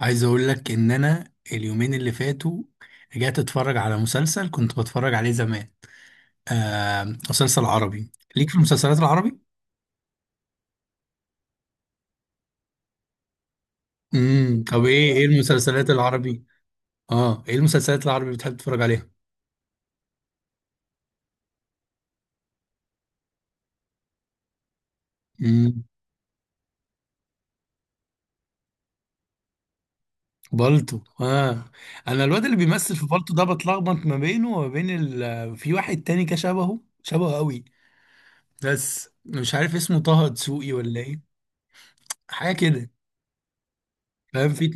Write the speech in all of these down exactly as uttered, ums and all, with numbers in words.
عايز اقول لك ان انا اليومين اللي فاتوا رجعت اتفرج على مسلسل كنت بتفرج عليه زمان. آه، مسلسل عربي. ليك في المسلسلات العربي. امم طب ايه ايه المسلسلات العربي؟ اه ايه المسلسلات العربي اللي بتحب تتفرج عليها؟ امم بالطو، اه. انا الواد اللي بيمثل في بالطو ده بتلخبط ما بينه وما بين ال... في واحد تاني كده شبهه شبهه قوي، بس مش عارف اسمه طه دسوقي ولا ايه حاجه كده. فاهم؟ في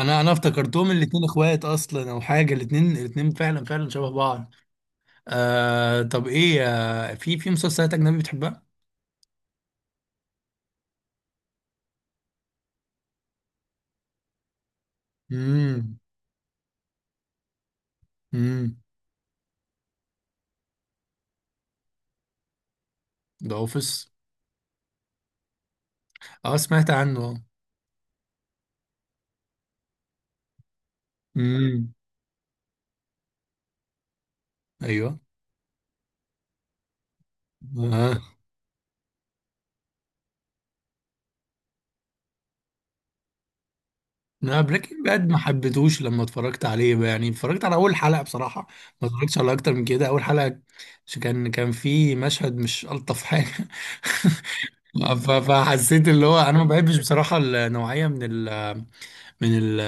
انا انا افتكرتهم الاتنين اخوات اصلا او حاجه، الاتنين الاتنين فعلا فعلا شبه بعض. آه، طب ايه، آه في في مسلسلات اجنبي بتحبها؟ امم امم ذا اوفيس. اه، سمعت عنه. امم ايوه. آه. لا، بريكنج باد ما حبيتهوش لما اتفرجت عليه بقى. يعني اتفرجت على اول حلقه بصراحه، ما اتفرجتش على اكتر من كده، اول حلقه. ش- كان كان في مشهد مش الطف حاجه ف- فحسيت اللي هو انا ما بحبش بصراحه النوعيه من ال من ال-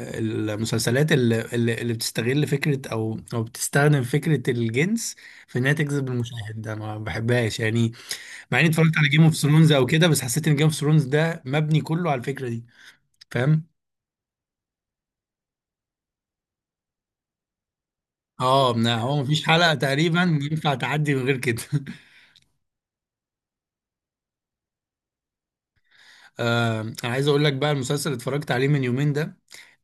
المسلسلات اللي, اللي اللي بتستغل فكرة أو أو بتستخدم فكرة الجنس في إنها تجذب المشاهد، ده ما بحبهاش يعني. مع إني اتفرجت على جيم اوف ثرونز أو كده، بس حسيت إن جيم اوف ثرونز ده مبني كله على الفكرة دي. فاهم؟ اه، ما هو مفيش حلقة تقريبا ينفع تعدي من غير كده آه أنا عايز أقول لك بقى، المسلسل اللي اتفرجت عليه من يومين ده،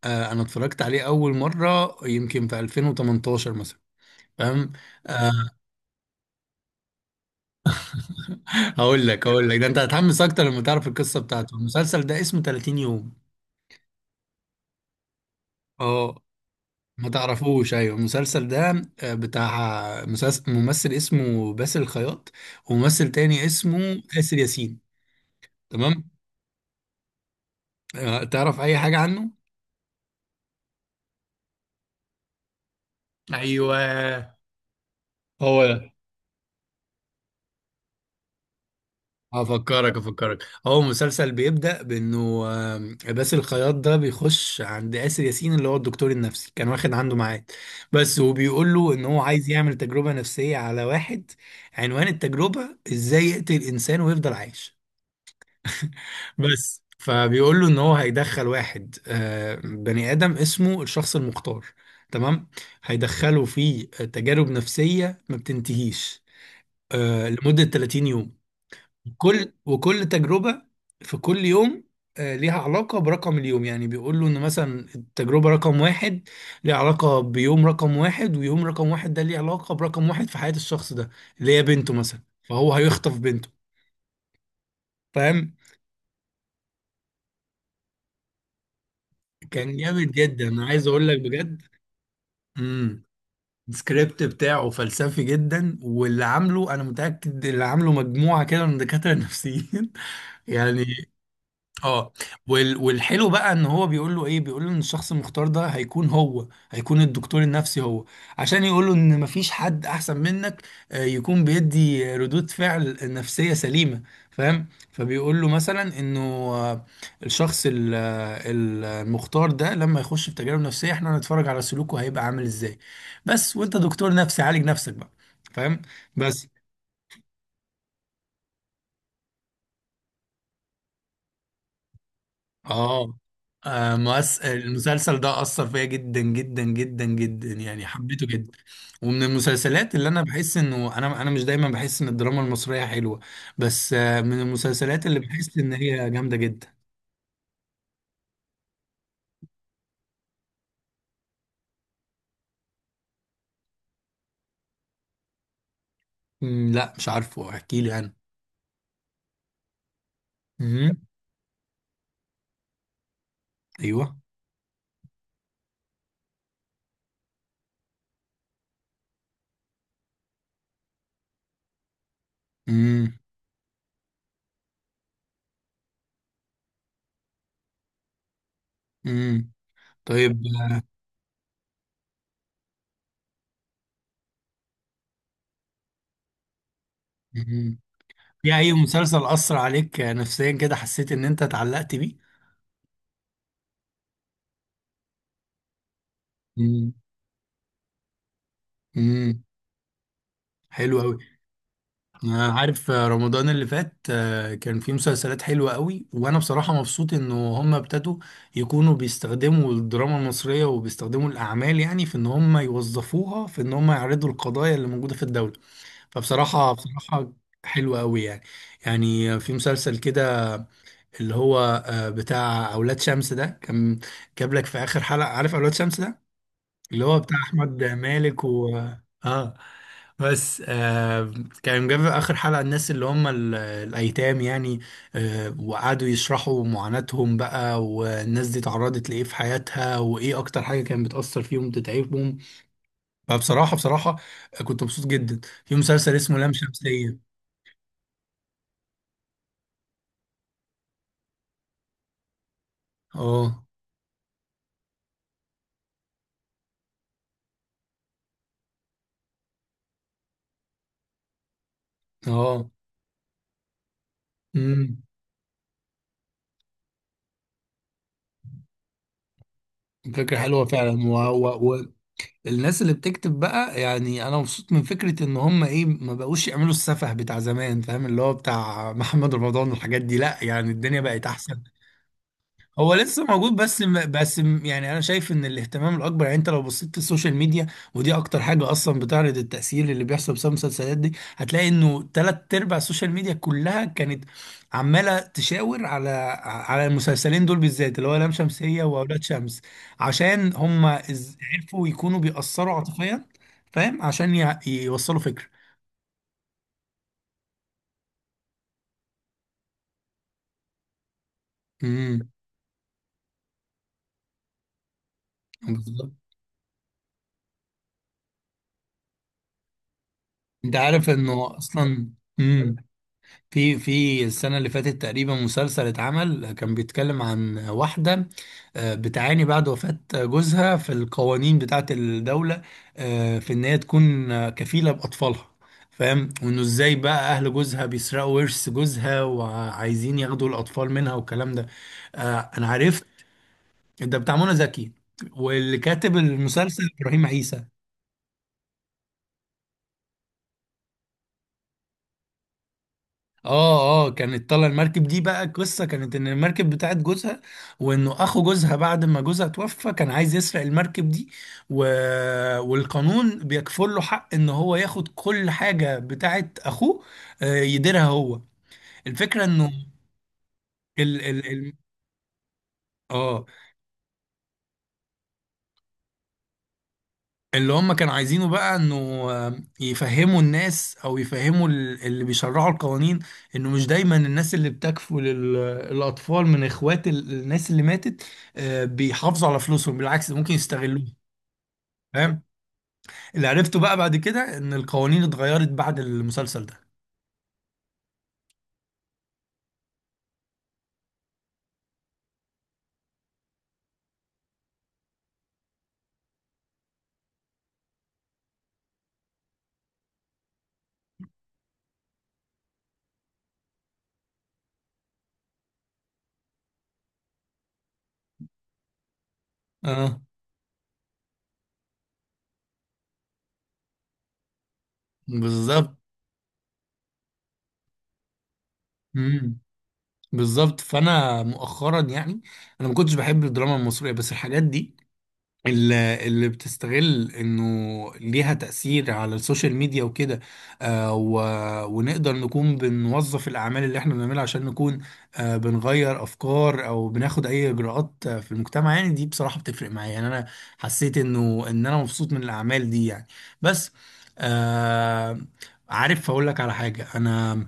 آه أنا اتفرجت عليه أول مرة يمكن في ألفين وتمنتاشر مثلا. فاهم؟ آه، هقول لك هقول لك، ده انت هتحمس اكتر لما تعرف القصه بتاعته. المسلسل ده اسمه تلاتين يوم. اه. ما تعرفوش؟ ايوه، المسلسل ده آه، بتاع مسلسل، ممثل اسمه باسل الخياط وممثل تاني اسمه آسر ياسين. تمام. آه، تعرف اي حاجه عنه؟ ايوه، هو ده. افكرك افكرك. هو مسلسل بيبدأ بانه آم، باسل الخياط ده بيخش عند آسر ياسين، اللي هو الدكتور النفسي، كان واخد عنده ميعاد، بس، وبيقول له ان هو عايز يعمل تجربة نفسية على واحد. عنوان التجربة، ازاي يقتل انسان ويفضل عايش. بس. فبيقول له ان هو هيدخل واحد، آه، بني آدم، اسمه الشخص المختار. تمام. هيدخله في تجارب نفسية ما بتنتهيش، آه، لمدة تلاتين يوم. كل وكل تجربة في كل يوم آه، ليها علاقة برقم اليوم. يعني بيقولوا إن مثلا التجربة رقم واحد ليها علاقة بيوم رقم واحد، ويوم رقم واحد ده ليه علاقة برقم واحد في حياة الشخص ده، اللي هي بنته مثلا، فهو هيخطف بنته. فاهم؟ كان جامد جدا، أنا عايز أقول لك بجد. امم السكريبت بتاعه فلسفي جدا، واللي عامله، أنا متأكد اللي عامله مجموعة كده من دكاترة نفسيين يعني. اه، وال- والحلو بقى ان هو بيقول له ايه، بيقول له ان الشخص المختار ده هيكون، هو هيكون الدكتور النفسي هو، عشان يقول له ان مفيش حد احسن منك، آه، يكون بيدي ردود فعل نفسية سليمة. فاهم؟ فبيقول له مثلا انه آه، الشخص ال- آه، المختار ده لما يخش في تجارب نفسية، احنا هنتفرج على سلوكه هيبقى عامل ازاي، بس. وانت دكتور نفسي عالج نفسك بقى. فاهم؟ بس. اه آه، مؤس... المسلسل ده أثر فيا جدا جدا جدا جدا، يعني حبيته جدا. ومن المسلسلات اللي أنا بحس إنه، أنا أنا مش دايما بحس إن الدراما المصرية حلوة، بس آه، من المسلسلات اللي بحس إن هي جامدة جدا. مم، لا مش عارفه، احكي لي أنا. مم، أيوه. مم، مم. طيب. آه، مم. في أي مسلسل أثر عليك آه، نفسيا كده، حسيت إن أنت اتعلقت بيه؟ مم، مم. حلو أوي. آه، عارف، آه، رمضان اللي فات آه، كان فيه مسلسلات حلوة قوي، وانا بصراحة مبسوط انه هم ابتدوا يكونوا بيستخدموا الدراما المصرية وبيستخدموا الاعمال، يعني في ان هم يوظفوها في ان هم يعرضوا القضايا اللي موجودة في الدولة. فبصراحة بصراحة حلوة قوي يعني. يعني آه، في مسلسل كده، اللي هو آه، بتاع اولاد شمس ده، كان جاب لك في اخر حلقة. عارف اولاد شمس ده، اللي هو بتاع احمد مالك و... اه، بس آه، كان جاب اخر حلقه الناس اللي هم ال- الايتام يعني، آه وقعدوا يشرحوا معاناتهم بقى، والناس دي تعرضت لايه في حياتها، وايه اكتر حاجه كانت بتاثر فيهم بتتعبهم. فبصراحه بصراحه كنت مبسوط جدا. في مسلسل اسمه لام شمسيه. اه، اه. امم فكره حلوه فعلا. الناس اللي بتكتب بقى، يعني انا مبسوط من فكره ان هم ايه، ما بقوش يعملوا السفه بتاع زمان. فاهم؟ اللي هو بتاع محمد رمضان والحاجات دي. لا يعني، الدنيا بقت احسن. هو لسه موجود، بس م- بس م- يعني انا شايف ان الاهتمام الاكبر، يعني انت لو بصيت في السوشيال ميديا، ودي اكتر حاجه اصلا بتعرض التاثير اللي بيحصل بسبب المسلسلات دي، هتلاقي انه تلات ارباع السوشيال ميديا كلها كانت عماله تشاور على على المسلسلين دول بالذات، اللي هو لام شمسيه واولاد شمس. عشان هم إز- عرفوا يكونوا بيأثروا عاطفيا. فاهم، عشان ي- يوصلوا فكره. امم بالظبط. انت عارف انه اصلا، امم في في السنة اللي فاتت تقريبا مسلسل اتعمل كان بيتكلم عن واحدة آه، بتعاني بعد وفاة جوزها في القوانين بتاعة الدولة، آه، في إن هي تكون آه، كفيلة بأطفالها. فاهم؟ وإنه إزاي بقى أهل جوزها بيسرقوا ورث جوزها وعايزين ياخدوا الأطفال منها والكلام ده. آه، أنا عرفت. ده بتاع منى زكي، واللي كاتب المسلسل إبراهيم عيسى. اه، اه، كانت طالعه المركب دي بقى. قصه كانت ان المركب بتاعت جوزها، وانه اخو جوزها بعد ما جوزها توفى كان عايز يسرق المركب دي، و... والقانون بيكفل له حق ان هو ياخد كل حاجه بتاعت اخوه، آه، يديرها هو. الفكره انه ال... ال... ال... اه، اللي هم كانوا عايزينه بقى انه آه، يفهموا الناس، او يفهموا ال- اللي بيشرعوا القوانين انه مش دايما الناس اللي بتكفل ال- الاطفال من اخوات ال- الناس اللي ماتت آه، بيحافظوا على فلوسهم، بالعكس، ده ممكن يستغلوهم. فاهم. اللي عرفته بقى بعد كده، ان القوانين اتغيرت بعد المسلسل ده. اه، بالظبط. امم بالظبط. فانا مؤخرا يعني، انا ما كنتش بحب الدراما المصريه، بس الحاجات دي اللي اللي بتستغل انه ليها تأثير على السوشيال ميديا وكده، آه و... ونقدر نكون بنوظف الأعمال اللي احنا بنعملها عشان نكون آه بنغير أفكار أو بناخد أي إجراءات آه، في المجتمع، يعني دي بصراحة بتفرق معايا. يعني أنا حسيت إنه إن أنا مبسوط من الأعمال دي يعني. بس آه عارف أقول لك على حاجة؟ أنا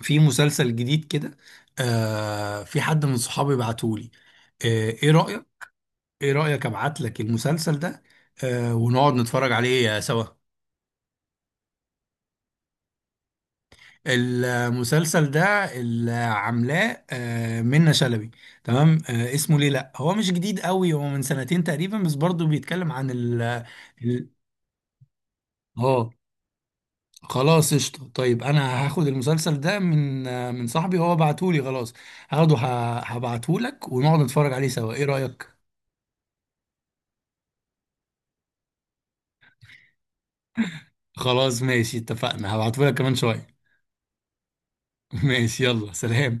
في مسلسل جديد كده آه في حد من صحابي بعتهولي. آه ايه رأيك، ايه رأيك ابعت لك المسلسل ده آه ونقعد نتفرج عليه آه، سوا؟ المسلسل ده اللي عاملاه آه منة شلبي. تمام. آه اسمه ليه. لا هو مش جديد قوي، هو من سنتين تقريبا، بس برضه بيتكلم عن ال ال- اه خلاص، قشطة. طيب انا هاخد المسلسل ده من آه من صاحبي، هو بعتهولي خلاص، هاخده. ه- هبعتهولك ونقعد نتفرج عليه سوا، ايه رأيك؟ خلاص، ماشي، اتفقنا، هبعتهولك كمان شوية. ماشي، يلا سلام.